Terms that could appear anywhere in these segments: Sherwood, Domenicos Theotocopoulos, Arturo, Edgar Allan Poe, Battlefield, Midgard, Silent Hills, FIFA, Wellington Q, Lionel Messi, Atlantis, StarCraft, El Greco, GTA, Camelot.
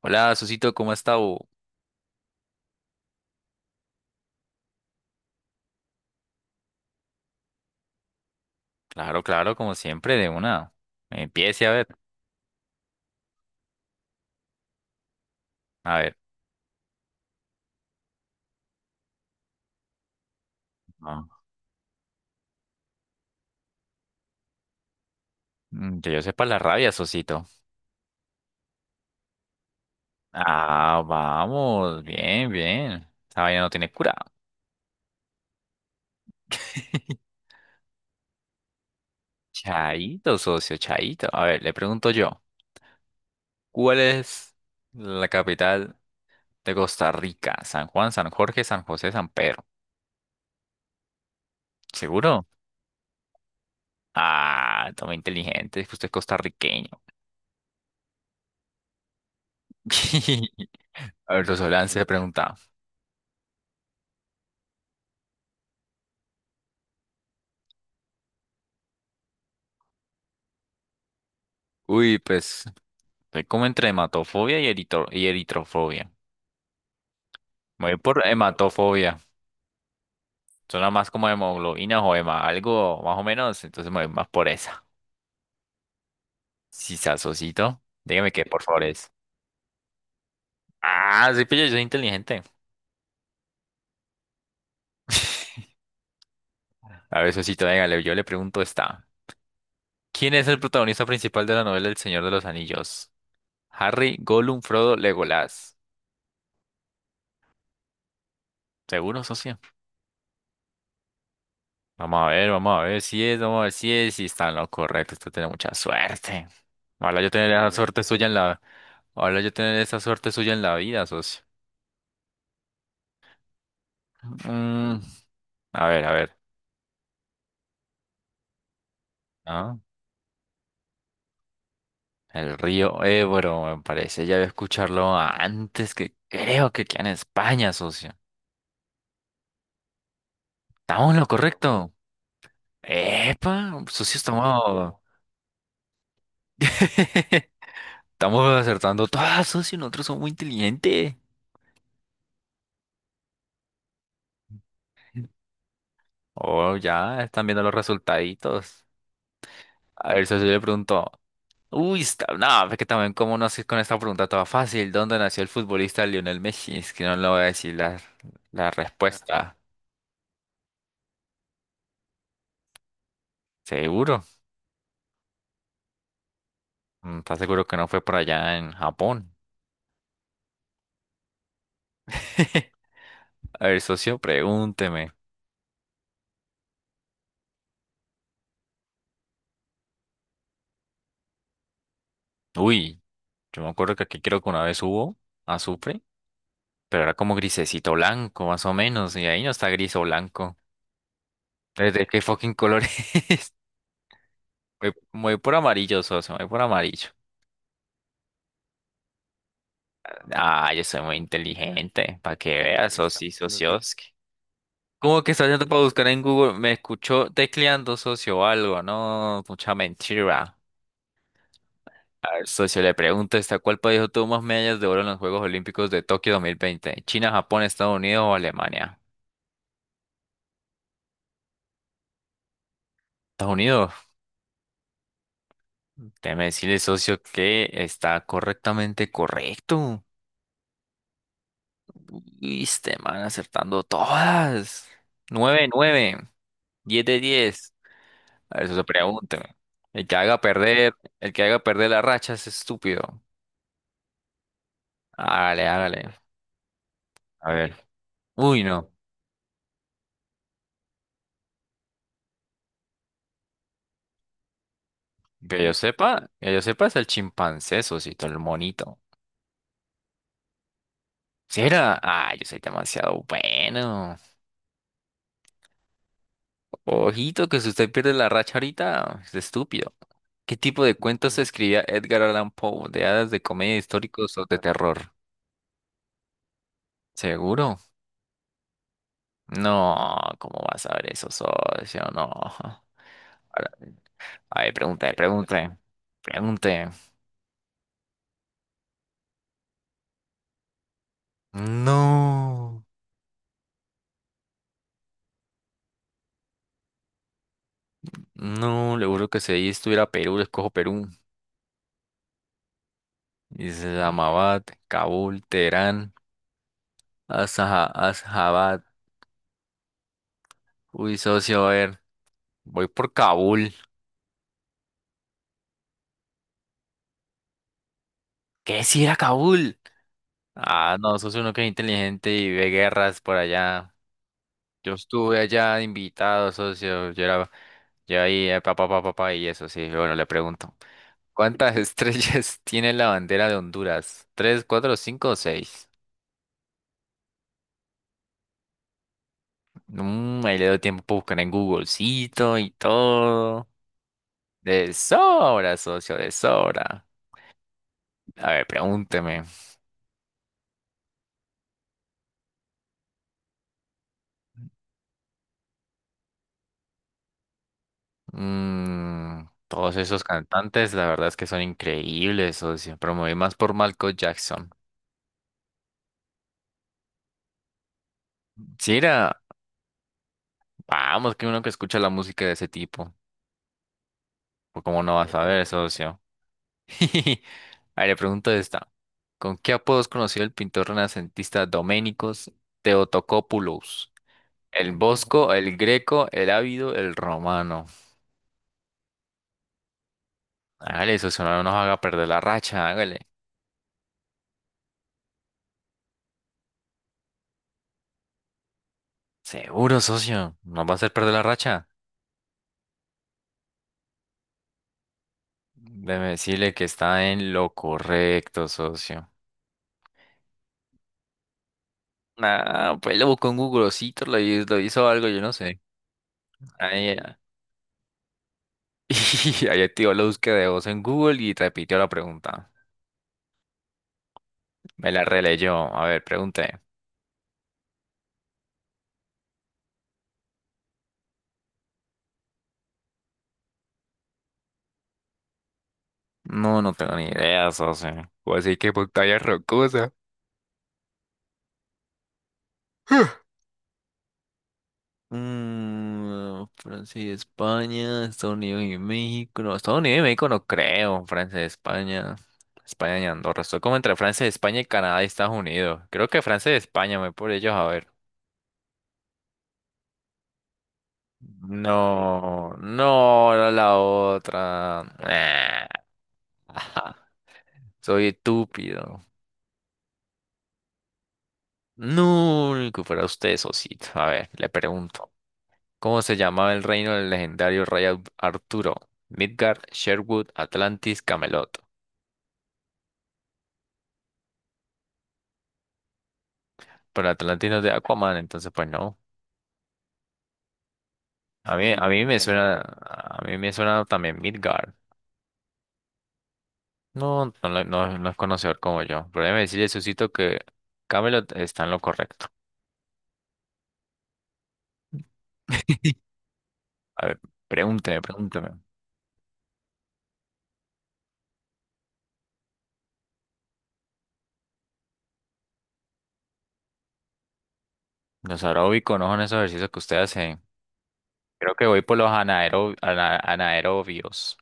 Hola, Susito, ¿cómo está? Bu? Claro, claro, como siempre, de una. Empiece a ver. A ver. No, que yo sepa la rabia, Susito. Ah, vamos. Bien, bien. Esta vaina no tiene cura. Chaito, socio, chaito. A ver, le pregunto yo. ¿Cuál es la capital de Costa Rica? San Juan, San Jorge, San José, San Pedro. ¿Seguro? Ah, toma inteligente, es que usted es costarriqueño. A ver, socio, le pregunta. Uy, pues. Estoy como entre hematofobia y eritrofobia. Me voy por hematofobia. Suena más como hemoglobina o hema, algo más o menos. Entonces me voy más por esa. Si sasocito, dígame qué, por favor, es. Ah, sí, pillo, yo soy inteligente. A ver, Sosito, dígale, yo le pregunto esta. ¿Quién es el protagonista principal de la novela El Señor de los Anillos? Harry, Gollum, Frodo, Legolas. ¿Seguro, socio? Vamos a ver si es, vamos a ver si es, si está en lo correcto. Usted tiene mucha suerte. Ojalá yo tener la Bueno, suerte suya en la Ojalá yo tener esa suerte suya en la vida, socio. Mm, a ver, a ver. Ah, el río Ebro, me parece. Ya había escucharlo antes que creo que queda en España, socio. ¿Estamos en lo correcto? Epa, socio, estamos... Estamos acertando todas, socio. Nosotros somos muy inteligentes. Oh, ya, están viendo los resultaditos. A ver, socio, yo le pregunto. Uy, está, no, es que también cómo no sé con esta pregunta toda fácil. ¿Dónde nació el futbolista Lionel Messi? Es que no le voy a decir la respuesta. ¿Seguro? Mm. ¿Estás seguro que no fue por allá en Japón? A ver, socio, pregúnteme. Uy, yo me acuerdo que aquí creo que una vez hubo azufre, pero era como grisecito blanco, más o menos, y ahí no está gris o blanco. Entonces, ¿de qué fucking color es? Voy por amarillo, socio, voy por amarillo. Ah, yo soy muy inteligente, para que veas. Muy socios. ¿Cómo que está haciendo para buscar en Google? Me escuchó tecleando socio o algo, no, mucha mentira. A ver, socio, le pregunto, ¿esta cuál país obtuvo más medallas de oro en los Juegos Olímpicos de Tokio 2020? ¿China, Japón, Estados Unidos o Alemania? Estados Unidos. Déjeme decirle, socio, que está correctamente correcto. Uy, este man acertando todas. Nueve, nueve, 10 de 10. A ver, socio, pregúnteme. El que haga perder, el que haga perder la racha es estúpido. Hágale, hágale. A ver. Uy, no. Que yo sepa, es el chimpancé, socito, el monito. ¿Será? Ah, yo soy demasiado bueno. Ojito, que si usted pierde la racha ahorita, es estúpido. ¿Qué tipo de cuentos escribía Edgar Allan Poe? ¿De hadas, de comedia, históricos o de terror? ¿Seguro? No, ¿cómo vas a ver eso, socio? No. Ahora, a ver, pregunte, pregunte, pregunte. No, no, le juro que si ahí estuviera Perú, le escojo Perú. Y se llamaba Kabul, Teherán, Asjabad. Uy, socio, a ver, voy por Kabul. ¿Qué si era Kabul? Ah, no, socio, uno que es inteligente y ve guerras por allá. Yo estuve allá de invitado, socio. Yo ahí, pa, pa, pa, pa, pa, y eso, sí. Bueno, le pregunto. ¿Cuántas estrellas tiene la bandera de Honduras? ¿Tres, cuatro, cinco o seis? Mm, ahí le doy tiempo para buscar en Googlecito y todo. De sobra, socio, de sobra. A ver, pregúnteme. Todos esos cantantes, la verdad es que son increíbles, socio. Pero me voy más por Michael Jackson. Sí, vamos, que uno que escucha la música de ese tipo. Pues cómo no vas a ver, socio. A ver, le pregunto esta. ¿Con qué apodo es conocido el pintor renacentista Doménicos Theotocopoulos? El Bosco, el Greco, el Ávido, el Romano. Hágale, socio, no nos haga perder la racha, hágale. Seguro, socio, nos va a hacer perder la racha. Déjeme decirle que está en lo correcto, socio. Ah, pues lo buscó en Googlecito, lo hizo algo, yo no sé. Ahí, y ahí activó la búsqueda de voz en Google y repitió la pregunta. Me la releyó. A ver, pregunté. No, no tengo ni idea, socio. Pues así que pantalla rocosa. Mm, Francia y España, Estados Unidos y México. No, Estados Unidos y México no creo. Francia y España. España y Andorra. Estoy como entre Francia y España y Canadá y Estados Unidos. Creo que Francia y España, me voy por ellos a ver. No, no, era la otra. Ah, ajá, soy estúpido. No, que fuera usted, socito. A ver, le pregunto. ¿Cómo se llamaba el reino del legendario rey Arturo? Midgard, Sherwood, Atlantis, Camelot. Pero Atlantis no es de Aquaman, entonces pues no. A mí me suena también Midgard. No, no, no, no es conocedor como yo. Pero déjeme decirle, Susito, que Camelot está en lo correcto. A ver, pregúnteme, pregúnteme. Los aeróbicos no son esos ejercicios que ustedes hacen. Creo que voy por los anaerobios.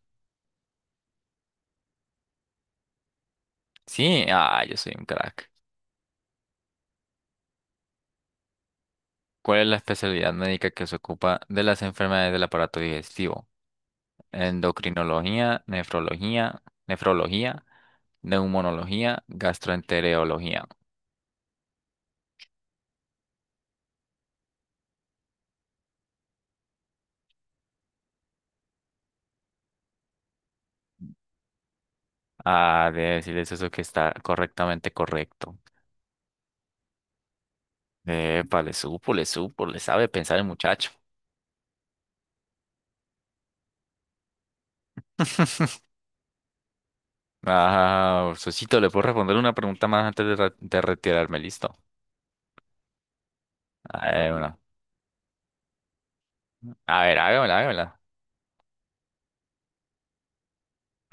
Sí, yo soy un crack. ¿Cuál es la especialidad médica que se ocupa de las enfermedades del aparato digestivo? Endocrinología, nefrología, nefrología, neumonología, gastroenterología. Ah, debe decirles eso que está correctamente correcto. Epa, le sabe pensar el muchacho. Ah, Sosito, ¿le puedo responder una pregunta más antes de retirarme? Listo. A ver, una. A ver, hágamela, hágamela.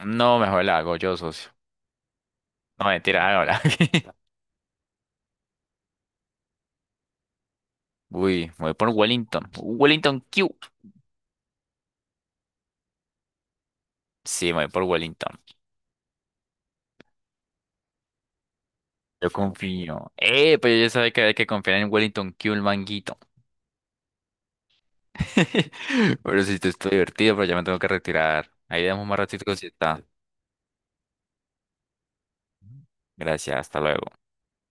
No, mejor la hago yo, socio. No, mentira, hágamela. Uy, me voy por Wellington. Wellington Q. Sí, me voy por Wellington. Yo confío. Pero ya sabía que hay que confiar en Wellington Q, el manguito. Pero sí, esto estoy divertido, pero ya me tengo que retirar. Ahí damos más ratito si está. Gracias, hasta luego.